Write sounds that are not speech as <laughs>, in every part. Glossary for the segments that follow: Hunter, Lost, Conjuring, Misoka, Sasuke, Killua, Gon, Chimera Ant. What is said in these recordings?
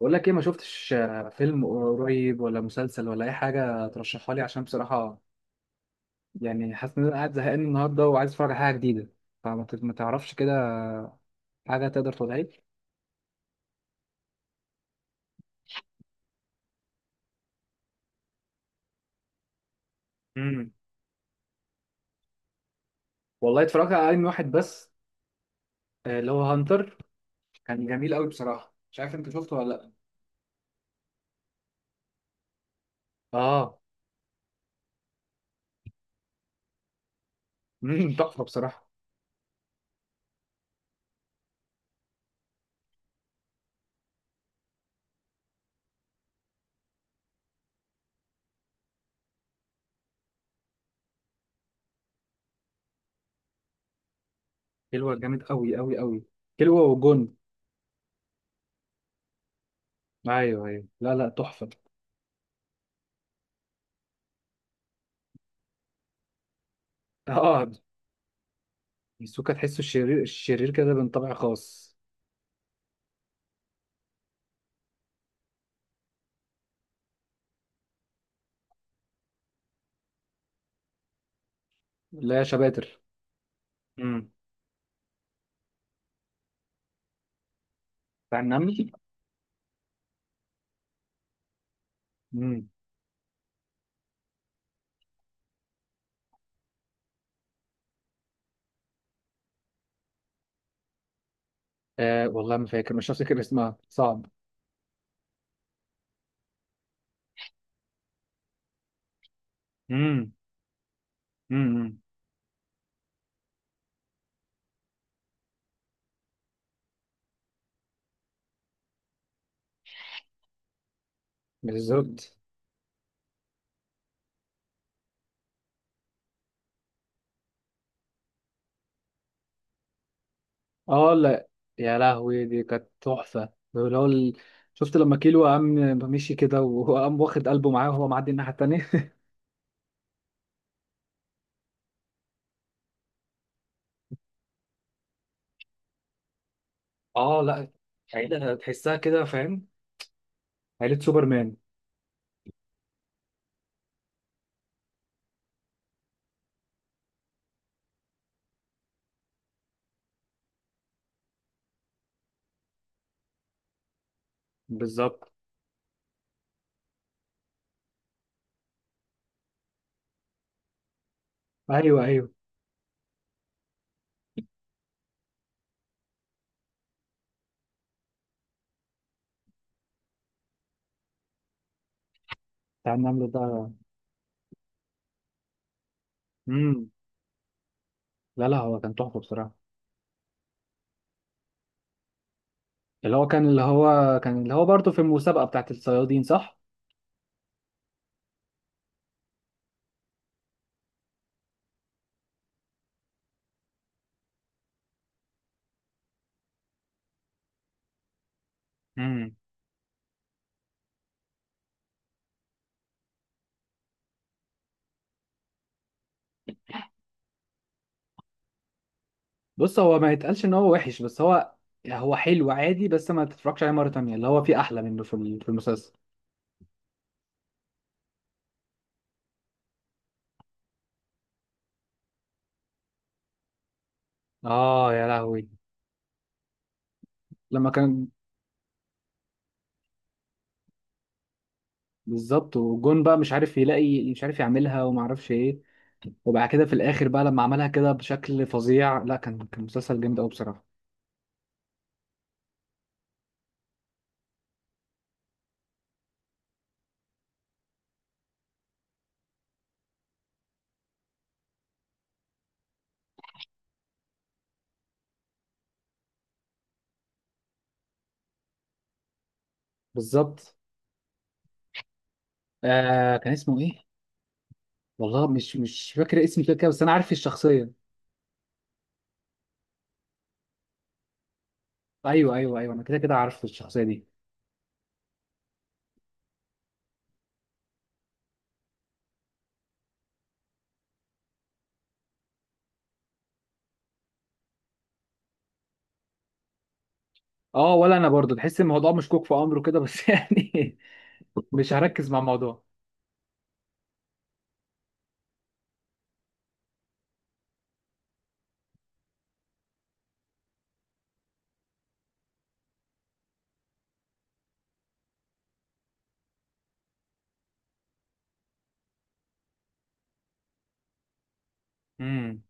بقول لك ايه؟ ما شفتش، فيلم قريب ولا مسلسل ولا اي حاجه ترشحها لي؟ عشان بصراحه يعني حاسس ان انا قاعد زهقان النهارده وعايز اتفرج على حاجه جديده. فما ما تعرفش كده حاجه تقدر تقولها لي. امم والله اتفرجت على انمي واحد بس، اللي هو هانتر. كان جميل قوي بصراحه، مش عارف انت شفته ولا لا. اه. تحفه بصراحه. كيلوا جامد قوي قوي قوي. كيلوا وجون. ايوه ايوه، لا لا، تحفه. اه، ميسوكا تحسه الشرير الشرير كده، من طبع خاص. لا، يا شباتر. بتاع النمل. امم. آه، والله ما فاكر، مش هفتكر اسمها، صعب. امم. امم. بالظبط. اه لا، يا لهوي، دي كانت تحفة. اللي هو شفت لما كيلو قام، مشي كده وقام واخد قلبه معاه وهو معدي الناحية التانية <laughs> اه لا، عيلة تحسها كده، فاهم؟ عيلة سوبرمان. بالظبط، ايوه ايوه. بتاع النمل ده. امم. لا لا، هو كان تحفة بصراحة. اللي هو برضه في المسابقة بتاعت الصيادين، صح؟ بص، هو ما يتقالش ان هو وحش، بس هو حلو عادي، بس ما تتفرجش عليه مره تانية. اللي هو في احلى منه في في المسلسل. اه يا لهوي، لما كان. بالظبط. وجون بقى مش عارف يلاقي، مش عارف يعملها، وما اعرفش ايه. وبعد كده في الاخر بقى لما عملها كده بشكل فظيع. لا، كان مسلسل جامد قوي بصراحه. بالظبط. آه، كان اسمه ايه؟ والله مش فاكر اسم كده كده، بس انا عارف الشخصيه. ايوه ايوه ايوه، انا كده كده عارف الشخصيه دي. اه، ولا انا برضو تحس الموضوع مشكوك في امره كده، بس <laughs> يعني مش هركز مع الموضوع. امم.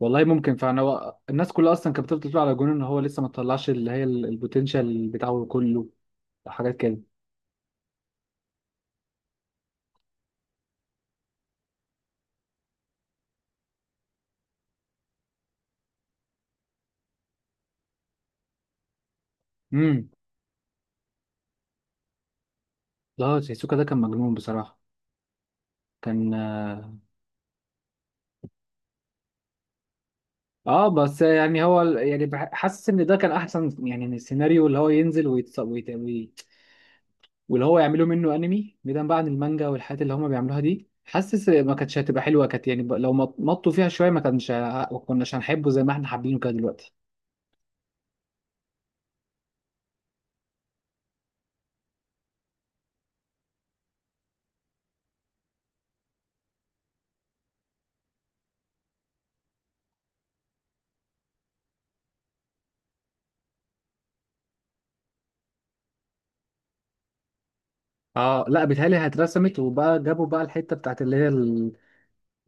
والله ممكن فعلا، هو الناس كلها اصلا كانت بتفضل تقول على جون ان هو لسه ما طلعش، اللي هي البوتنشال بتاعه كله، حاجات كده. امم. لا، سيسوكا ده كان مجنون بصراحه. كان اه. آه، بس يعني هو يعني حاسس ان ده كان احسن يعني من السيناريو، اللي هو ينزل واللي هو يعملوا منه انمي بعيدا بقى عن المانجا والحاجات اللي هم بيعملوها دي. حاسس ما كانتش هتبقى حلوه، كانت يعني لو مطوا فيها شويه، ما كانش ما كناش هنحبه زي ما احنا حابينه كده دلوقتي. اه لا، بيتهيألي هترسمت، وبقى جابوا بقى الحتة بتاعت اللي هي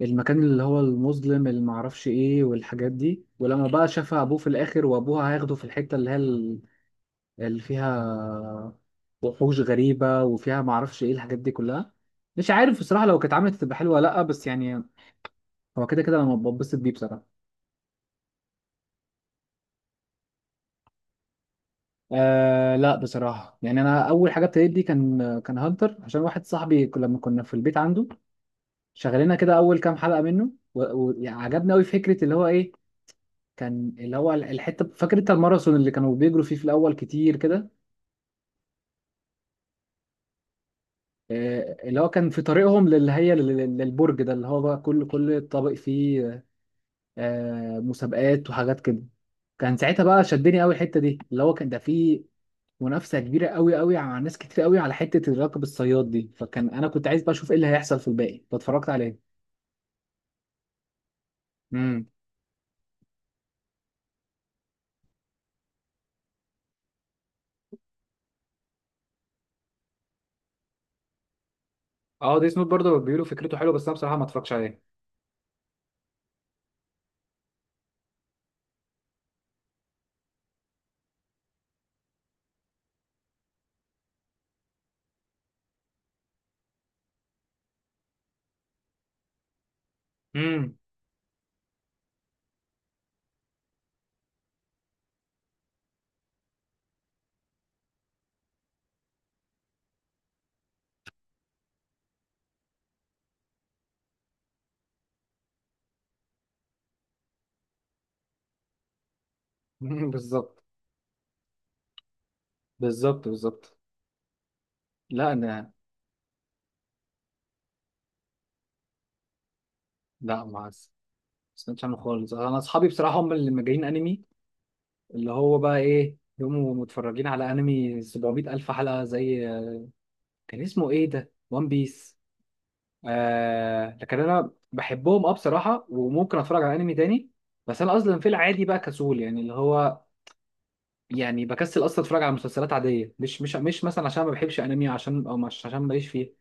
المكان اللي هو المظلم، اللي معرفش ايه والحاجات دي، ولما بقى شافها ابوه في الاخر وابوها هياخده في الحتة اللي هي اللي فيها وحوش غريبة وفيها معرفش ايه الحاجات دي كلها. مش عارف بصراحة، لو كانت عملت تبقى حلوة ولا لا، بس يعني هو كده كده انا بتبسط بيه بصراحة. آه لا، بصراحة يعني انا اول حاجة ابتديت دي كان هانتر، عشان واحد صاحبي لما كنا في البيت عنده شغلنا كده اول كام حلقه منه، وعجبنا قوي فكره اللي هو ايه. كان اللي هو الحته، فاكر انت الماراثون اللي كانوا بيجروا فيه في الاول كتير كده؟ اللي هو كان في طريقهم للي هي للبرج ده، اللي هو بقى كل كل طابق فيه مسابقات وحاجات كده. كان ساعتها بقى شدني قوي الحته دي، اللي هو كان ده فيه منافسه كبيره قوي قوي مع ناس كتير قوي على حته الراكب الصياد دي، فكان انا كنت عايز بقى اشوف ايه اللي هيحصل في الباقي فاتفرجت عليه. امم. اه، دي سنوت برضه بيقولوا فكرته حلوه، بس انا بصراحه ما اتفرجتش عليه. مم. <laughs> بالظبط، بالظبط، بالظبط. لا انا، لا ما ما سمعتش عنه خالص. انا اصحابي بصراحه هم اللي مجانين انمي، اللي هو بقى ايه، يقوموا متفرجين على انمي 700 الف حلقه زي. كان اسمه ايه ده؟ وان بيس. آه لكن انا بحبهم، اه بصراحه، وممكن اتفرج على انمي تاني. بس انا اصلا في العادي بقى كسول، يعني اللي هو يعني بكسل اصلا اتفرج على مسلسلات عاديه، مش مثلا عشان ما بحبش انمي، عشان او مش عشان ماليش فيه.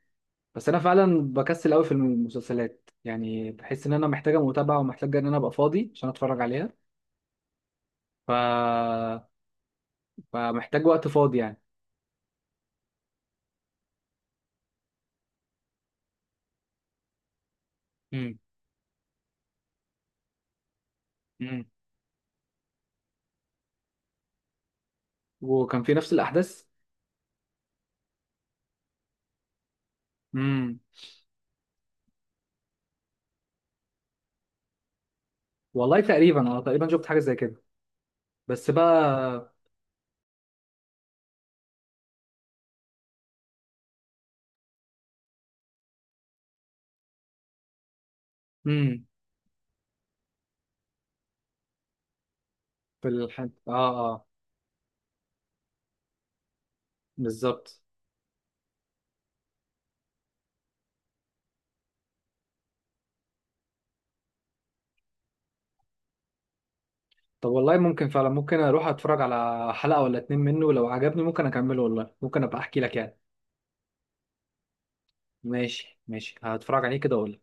بس انا فعلا بكسل قوي في المسلسلات، يعني بحس ان انا محتاجه متابعه ومحتاجه ان انا ابقى فاضي عشان اتفرج عليها. ف... فمحتاج وقت فاضي يعني. امم. امم. وكان في نفس الاحداث. امم. والله تقريبا انا تقريبا شفت حاجه زي كده، بس بقى. امم. في الحد، اه. اه. بالظبط. طب، والله ممكن فعلا، ممكن اروح اتفرج على حلقه ولا اتنين منه، لو عجبني ممكن اكمله، والله ممكن ابقى احكي لك يعني. ماشي ماشي، هتفرج عليه كده وأقول.